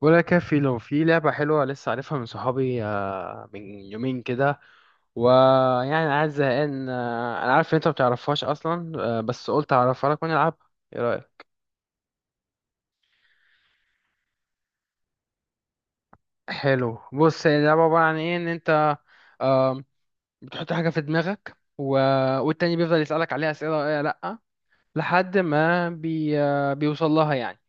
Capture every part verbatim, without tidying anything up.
ولا كافي لو في لعبة حلوة لسه عارفها من صحابي، آه، من يومين كده. ويعني عايز زهقان، آه، انا عارف ان انت ما بتعرفهاش اصلا. آه، بس قلت اعرفها لك ونلعبها. ايه رأيك؟ حلو. بص، هي اللعبة عبارة عن ايه؟ ان انت آم، بتحط حاجة في دماغك و... والتاني بيفضل يسألك عليها أسئلة: ايه، لأ. لحد ما بي... آه، بيوصل لها يعني.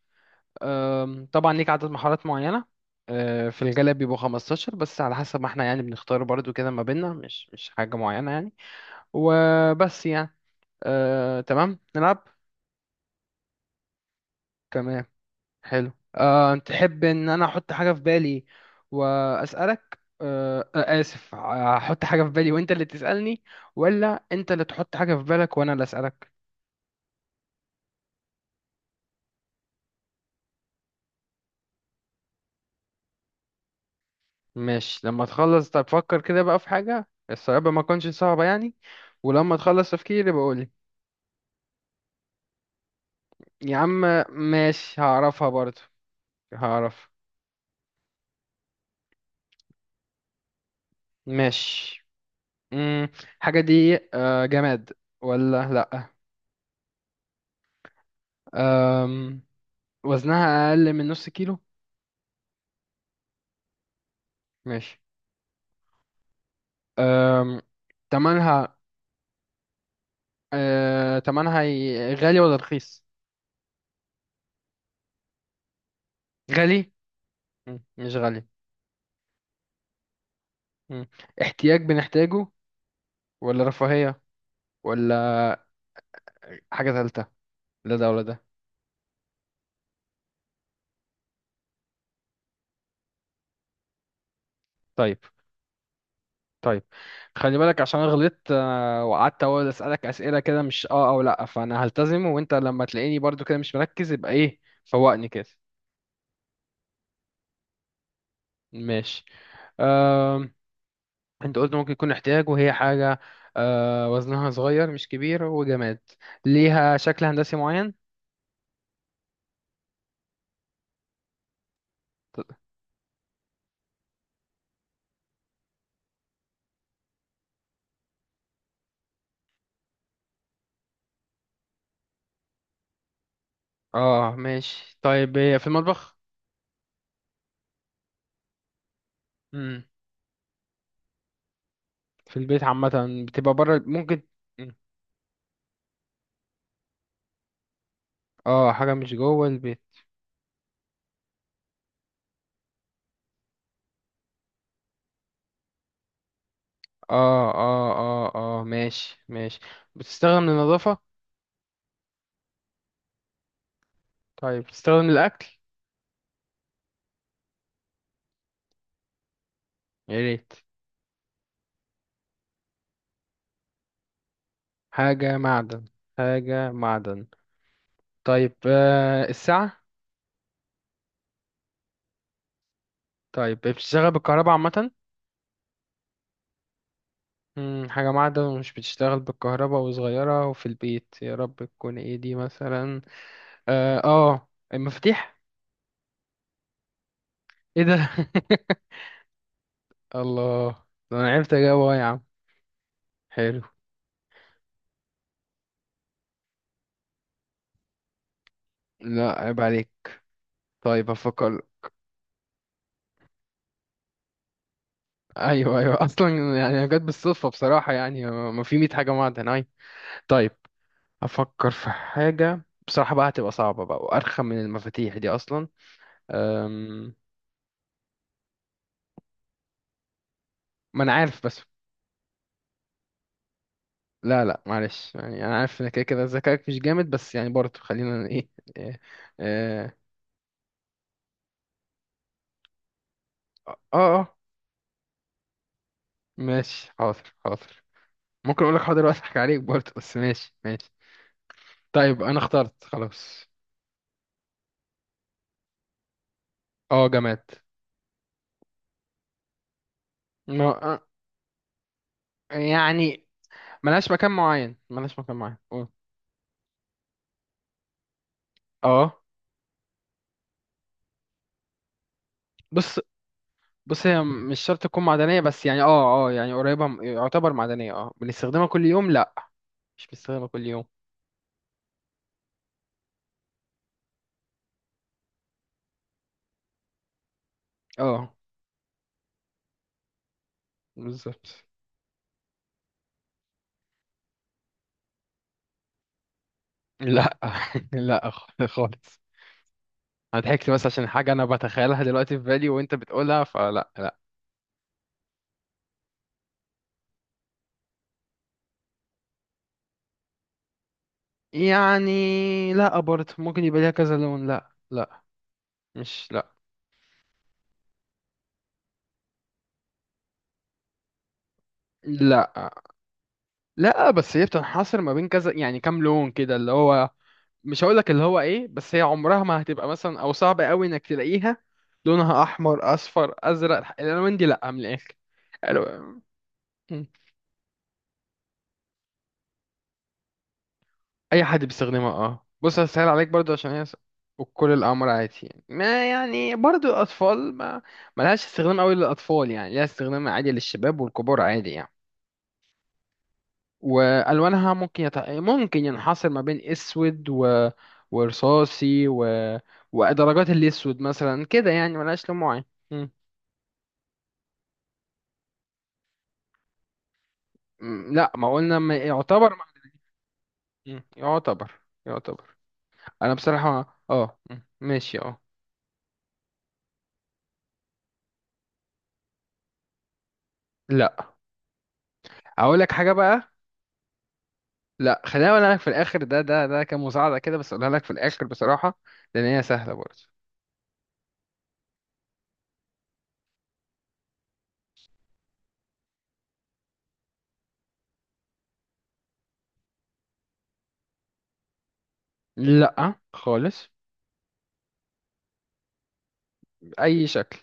أم، طبعا ليك عدد محاولات معينة. أه، في الغالب بيبقوا خمسة عشر، بس على حسب ما احنا يعني بنختار برضو كده ما بيننا، مش مش حاجة معينة يعني. وبس يعني. أه، تمام نلعب. تمام. حلو. أه، تحب ان انا احط حاجة في بالي واسألك، أه، أه، اسف، احط حاجة في بالي وانت اللي تسألني، ولا انت اللي تحط حاجة في بالك وانا اللي اسألك؟ ماشي لما تخلص. طب فكر كده بقى في حاجة، الصعوبة ما تكونش صعبة يعني. ولما تخلص تفكيري بقول. يا عم. ماشي هعرفها برضو. هعرف. ماشي. مم. حاجة دي آه، جماد ولا لأ؟ أم، وزنها أقل من نص كيلو؟ ماشي. أم، تمنها. أه، تمنها ي- غالي ولا رخيص؟ غالي؟ مم، مش غالي. مم. احتياج بنحتاجه ولا رفاهية، ولا حاجة تالتة، لا ده ولا ده؟ طيب. طيب. خلي بالك عشان أنا غلطت، آه، وقعدت اقول اسالك اسئله كده مش اه او لا، فانا هلتزم. وانت لما تلاقيني برضو كده مش مركز يبقى ايه، فوقني كده. ماشي. آم، انت قلت ممكن يكون احتياج وهي حاجه، آه، وزنها صغير مش كبير وجماد. ليها شكل هندسي معين؟ اه ماشي. طيب، هي في المطبخ؟ امم. في البيت عامه، بتبقى بره ممكن؟ مم. اه، حاجه مش جوه البيت. اه، اه، اه. اه ماشي ماشي. بتستخدم للنظافه؟ طيب تستخدم الأكل؟ يا ريت. حاجة معدن؟ حاجة معدن. طيب، آه الساعة؟ طيب، بتشتغل بالكهرباء عامة؟ مم، حاجة معدن ومش بتشتغل بالكهرباء وصغيرة وفي البيت، يا رب تكون ايه دي مثلا؟ اه، آه، المفاتيح! ايه ده! الله! ده انا عرفت اجاوب أهو يا عم. حلو. لا، عيب عليك. طيب افكر. ايوه، ايوه. اصلا. يعني أنا جت بالصدفة بصراحة، يعني ما في مية حاجة معدن اي. طيب. افكر في حاجه بصراحه بقى، هتبقى صعبه بقى وارخم من المفاتيح دي اصلا. أم... ما انا عارف بس. لا، لا، معلش يعني انا عارف ان كده كده ذكائك مش جامد، بس يعني برضه خلينا ايه، إيه، اه، اه، آه، ماشي حاضر حاضر. ممكن اقول لك حاضر واضحك عليك برضه، بس ماشي ماشي. طيب انا اخترت خلاص. اه، جماد. ما آه، يعني، ملهاش مكان معين، ملهاش مكان معين. قول. اه. بص، بص، هي مش شرط تكون معدنية، بس يعني اه اه يعني قريبة، م- يعتبر معدنية. اه، بنستخدمها كل يوم؟ لا، مش بنستخدمها كل يوم. اه، بالظبط. لا لا خ- خالص. انا ضحكت بس عشان حاجة انا بتخيلها دلوقتي في بالي وانت بتقولها، فلا، لا. يعني لا، برضه ممكن يبقى ليها كذا لون. لا، لا. مش لا. لا، لا، بس هي بتنحصر ما بين كذا يعني كام لون كده، اللي هو مش هقولك اللي هو ايه، بس هي عمرها ما هتبقى مثلا، او صعب قوي انك تلاقيها لونها احمر، اصفر، ازرق، الالوان دي لا، من الاخر. الو- م. اي حد بيستخدمها. اه، بص هسهل عليك برضو عشان هي س- وكل الامر عادي يعني. ما يعني برضو الاطفال، ما ملهاش استخدام قوي للاطفال، يعني ليها استخدام عادي للشباب والكبار عادي يعني. والوانها ممكن يت... ممكن ينحصر ما بين اسود و... ورصاصي و... ودرجات الاسود مثلا كده، يعني ملهاش لون معين. مم، لا ما قلنا، ما- يعتبر مع- مم، يعتبر. يعتبر. انا بصراحة اه مم، ماشي اه لا اقول لك حاجة بقى. لا، خليها اقولها لك في الاخر، ده ده ده كمساعدة كده، بس اقولها لك في الاخر بصراحة. لان هي سهلة برضه. لا خالص. بأي شكل.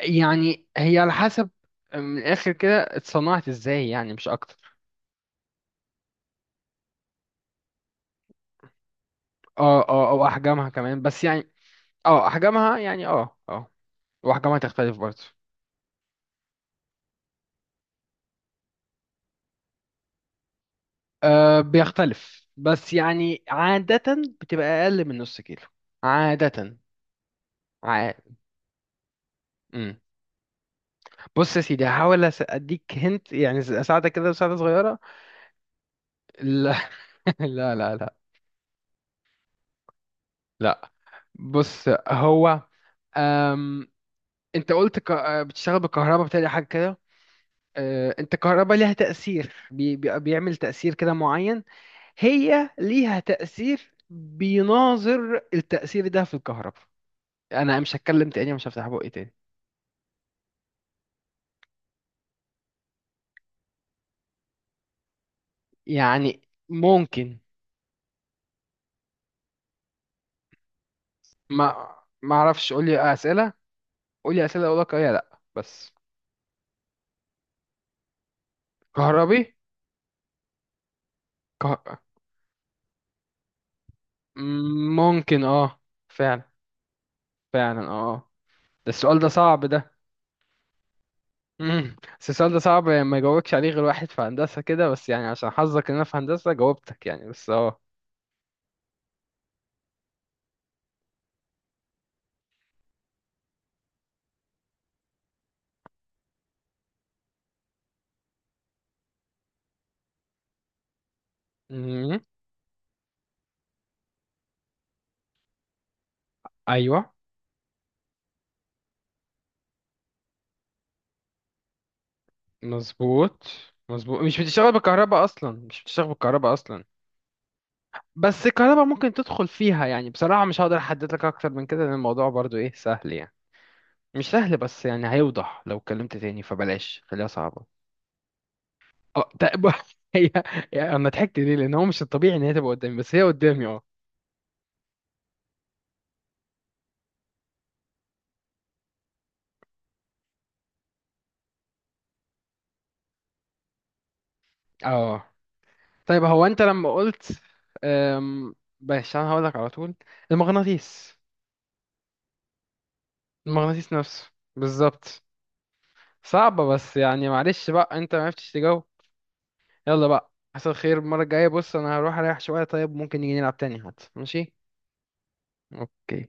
يعني هي على حسب، آه، من الاخر كده اتصنعت ازاي يعني، مش اكتر. اه، اه، او احجامها كمان، بس يعني. اه، احجامها يعني، اه، اه. واحجامها تختلف برضه. أه، بيختلف، بس يعني عادة بتبقى أقل من نص كيلو. عادة. ع... مم. بص يا سيدي، هحاول أس- أديك هنت، يعني ز- أساعدك كده مساعدة صغيرة. لا لا، لا، لا. لا. بص، هو أم... أنت قلت ك... آه، بتشتغل بالكهرباء بتاعي حاجة كده. أه... أنت الكهرباء ليها تأثير، بي... بي... بيعمل تأثير كده معين. هي ليها تأثير بيناظر التأثير ده في الكهرباء. أنا مش هتكلم تاني، مش هفتح بقي تاني. يعني ممكن. ما ما اعرفش، قولي اسئله. قولي اسئله اقول لك اه يا لا بس. كهربي. كه... مم، ممكن اه. فعلا. فعلا اه آه. ده السؤال ده صعب ده. مم. بس السؤال ده صعب ما يجاوبكش عليه غير واحد في هندسه كده، بس يعني عشان حظك ان انا في هندسه جاوبتك يعني، بس اه. مم. ايوه. مظبوط. مظبوط، مش بتشتغل بالكهرباء اصلا، مش بتشتغل بالكهرباء اصلا. بس الكهرباء ممكن تدخل فيها، يعني بصراحة مش هقدر احدد لك اكتر من كده، لان الموضوع برضو ايه سهل يعني. مش سهل، بس يعني هيوضح لو اتكلمت تاني، فبلاش خليها صعبة. اه طيب هي. يعني انا ضحكت ليه لان هو مش الطبيعي ان هي تبقى قدامي، بس هي قدامي اه. اه طيب، هو انت لما قلت أم... بس انا هقولك على طول. المغناطيس. المغناطيس نفسه. بالظبط. صعبة، بس يعني معلش بقى انت ما عرفتش تجاوب. يلا بقى، حصل خير. المرة الجاية بص انا هروح اريح شوية، طيب ممكن نيجي نلعب تاني حتى، ماشي. اوكي.